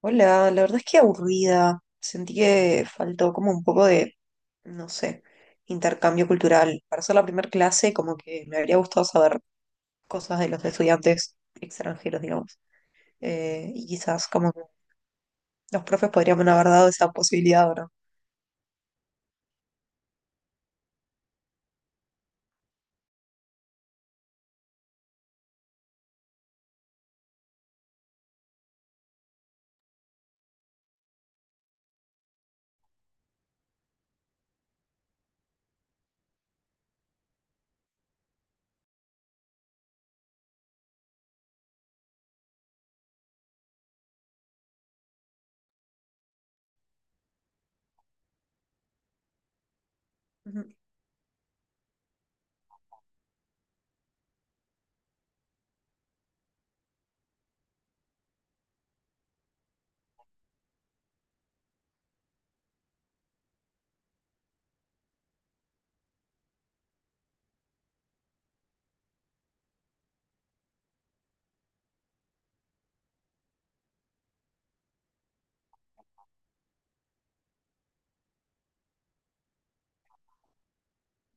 Hola, la verdad es que aburrida. Sentí que faltó como un poco de, no sé, intercambio cultural. Para ser la primera clase, como que me habría gustado saber cosas de los estudiantes extranjeros, digamos. Y quizás como que los profes podrían haber dado esa posibilidad, ahora.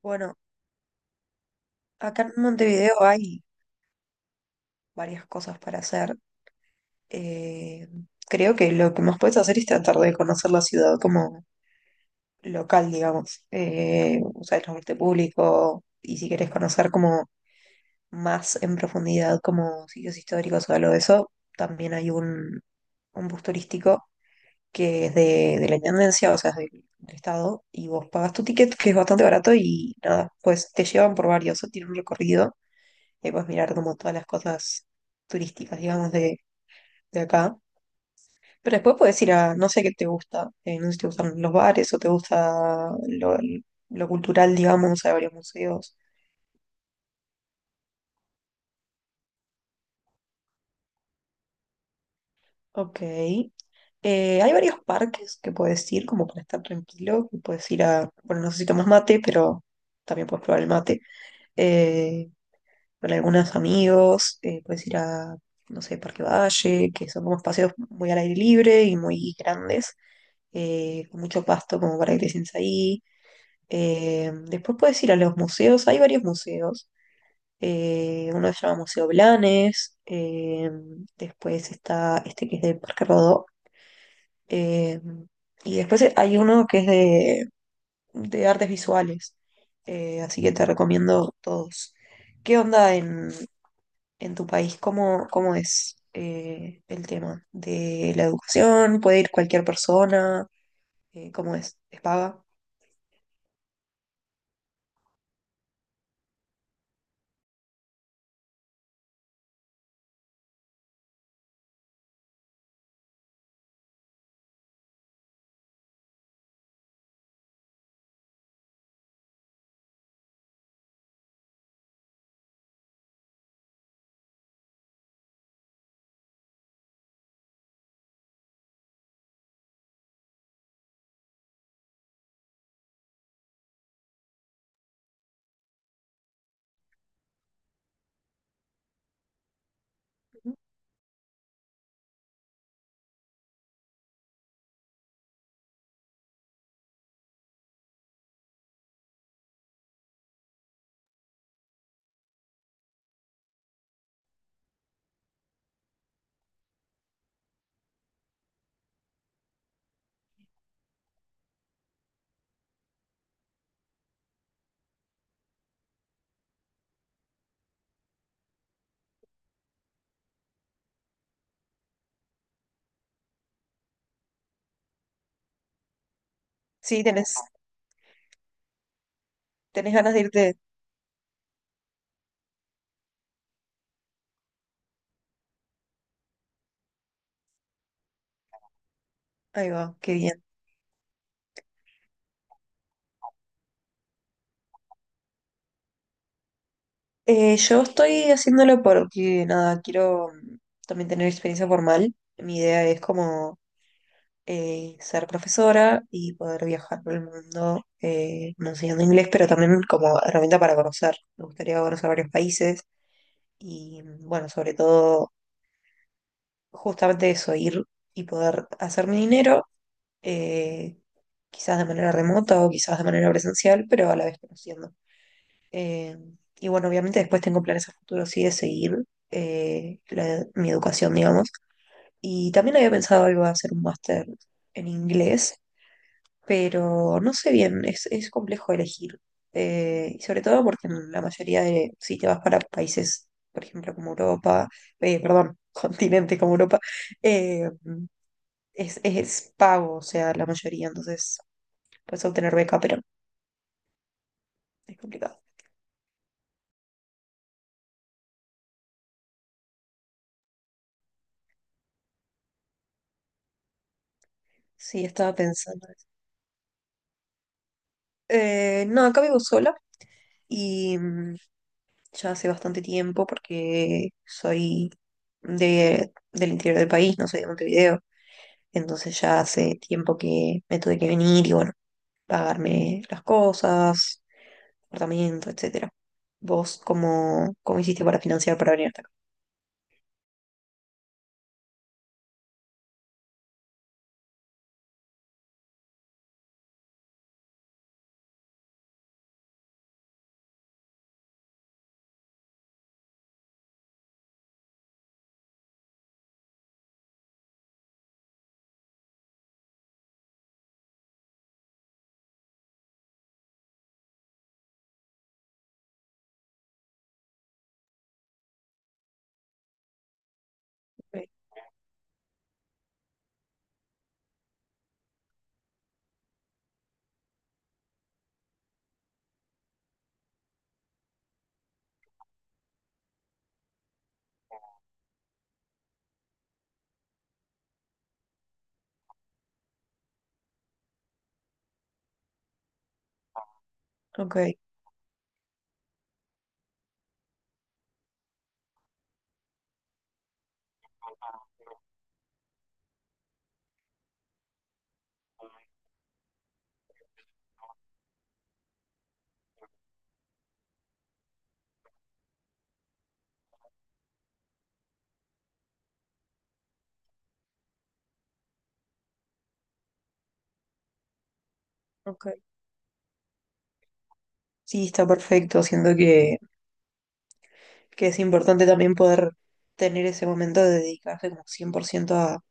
Bueno, acá en Montevideo hay varias cosas para hacer. Eh, Creo que lo que más puedes hacer es tratar de conocer la ciudad como local, digamos, usar el transporte público y si querés conocer como más en profundidad como sitios históricos o algo de eso, también hay un bus turístico que es de la intendencia, o sea, es del estado, y vos pagas tu ticket, que es bastante barato, y nada, pues te llevan por varios, tiene un recorrido, y ahí puedes mirar como todas las cosas turísticas, digamos, de acá. Pero después puedes ir a, no sé qué te gusta, no sé si te gustan los bares o te gusta lo cultural, digamos, hay varios museos. Ok. Hay varios parques que puedes ir, como para estar tranquilo, que puedes ir a, bueno, no sé si tomas mate, pero también puedes probar el mate. Eh, con algunos amigos, puedes ir a, no sé, Parque Valle, que son como espacios muy al aire libre y muy grandes, con mucho pasto como para que te sientes ahí. Después puedes ir a los museos, hay varios museos. Uno se llama Museo Blanes, después está este que es del Parque Rodó, eh, y después hay uno que es de artes visuales, así que te recomiendo todos. ¿Qué onda en tu país? ¿Cómo, cómo es el tema de la educación? ¿Puede ir cualquier persona? ¿Cómo es? ¿Es paga? Sí, tenés, tenés ganas de irte. Ahí va, qué bien. Yo estoy haciéndolo porque, nada, quiero también tener experiencia formal. Mi idea es como ser profesora y poder viajar por el mundo no enseñando inglés, pero también como herramienta para conocer. Me gustaría conocer varios países y, mm, bueno, sobre todo, justamente eso, ir y poder hacer mi dinero, eh, quizás de manera remota o quizás de manera presencial, pero a la vez conociendo. Eh, y bueno, obviamente después tengo planes a futuro, sí, de seguir mi educación, digamos. Y también había pensado iba a hacer un máster en inglés, pero no sé bien, es complejo elegir. Y sobre todo porque en la mayoría de, si te vas para países, por ejemplo, como Europa, perdón, continente como Europa, eh, es pago, o sea, la mayoría, entonces puedes obtener beca, pero es complicado. Sí, estaba pensando eso. No, acá vivo sola. Y mm, ya hace bastante tiempo porque soy de, del interior del país, no soy de Montevideo. Entonces ya hace tiempo que me tuve que venir y bueno, pagarme las cosas, apartamento, etcétera. ¿Vos cómo, cómo hiciste para financiar para venir hasta acá? Ok, ok. Ok. Sí, está perfecto. Siento que es importante también poder tener ese momento de dedicarse como 100%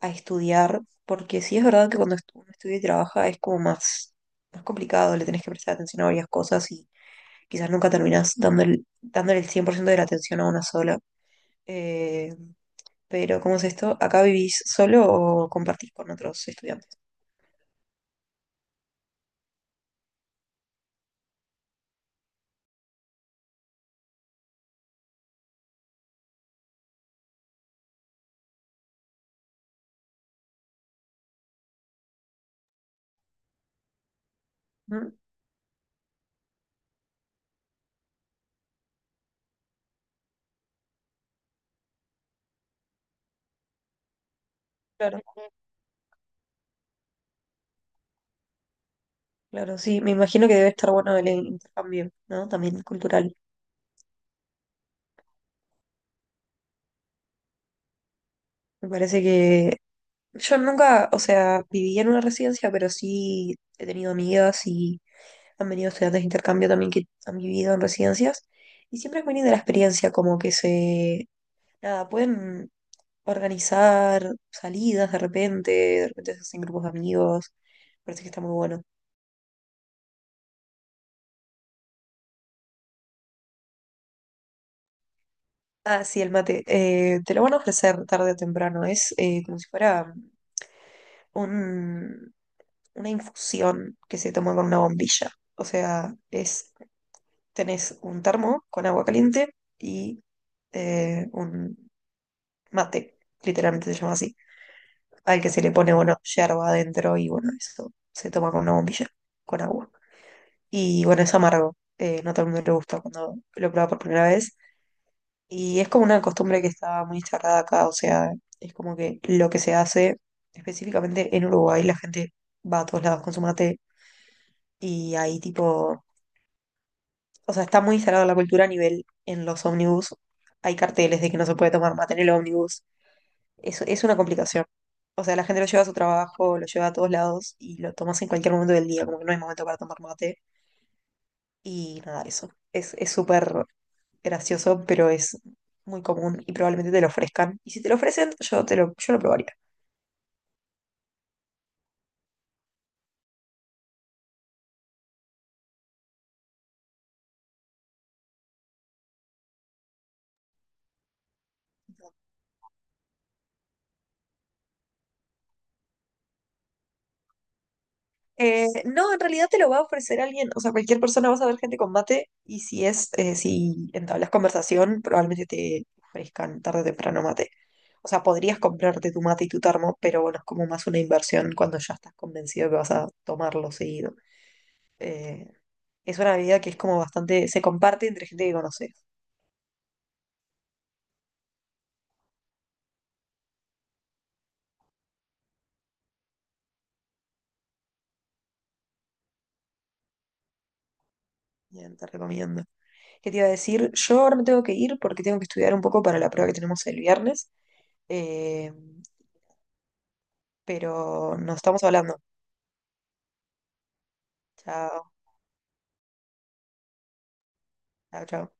a estudiar, porque sí es verdad que cuando uno estudia y trabaja es como más, más complicado, le tenés que prestar atención a varias cosas y quizás nunca terminás dándole, dándole el 100% de la atención a una sola. Eh, pero, ¿cómo es esto? ¿Acá vivís solo o compartís con otros estudiantes? Mm. Claro, claro, sí, me imagino que debe estar bueno el intercambio, ¿no? También cultural. Me parece que yo nunca, o sea, viví en una residencia, pero sí he tenido amigas y han venido estudiantes de intercambio también que han vivido en residencias. Y siempre es muy linda la experiencia, como que se, nada, pueden organizar salidas de repente se hacen grupos de amigos. Parece que está muy bueno. Ah, sí, el mate. Te lo van a ofrecer tarde o temprano. Es como si fuera un, una infusión que se toma con una bombilla. O sea, es tenés un termo con agua caliente y un mate, literalmente se llama así, al que se le pone, bueno, yerba adentro y bueno, eso se toma con una bombilla, con agua. Y bueno, es amargo, no a todo el mundo le gusta cuando lo prueba por primera vez. Y es como una costumbre que está muy charrada acá, o sea, es como que lo que se hace específicamente en Uruguay, la gente va a todos lados con su mate y ahí tipo o sea, está muy instalada la cultura a nivel en los ómnibus. Hay carteles de que no se puede tomar mate en el ómnibus. Es una complicación. O sea, la gente lo lleva a su trabajo, lo lleva a todos lados y lo tomas en cualquier momento del día, como que no hay momento para tomar mate. Y nada, eso. Es súper gracioso, pero es muy común y probablemente te lo ofrezcan. Y si te lo ofrecen, yo, te lo, yo lo probaría. No, en realidad te lo va a ofrecer alguien, o sea, cualquier persona vas a ver gente con mate y si es, si entablas conversación, probablemente te ofrezcan tarde o temprano mate. O sea, podrías comprarte tu mate y tu termo, pero bueno, es como más una inversión cuando ya estás convencido que vas a tomarlo seguido. Eh, es una bebida que es como bastante, se comparte entre gente que conoces. Bien, te recomiendo. ¿Qué te iba a decir? Yo ahora me tengo que ir porque tengo que estudiar un poco para la prueba que tenemos el viernes, eh, pero nos estamos hablando. Chao. Chao, chao.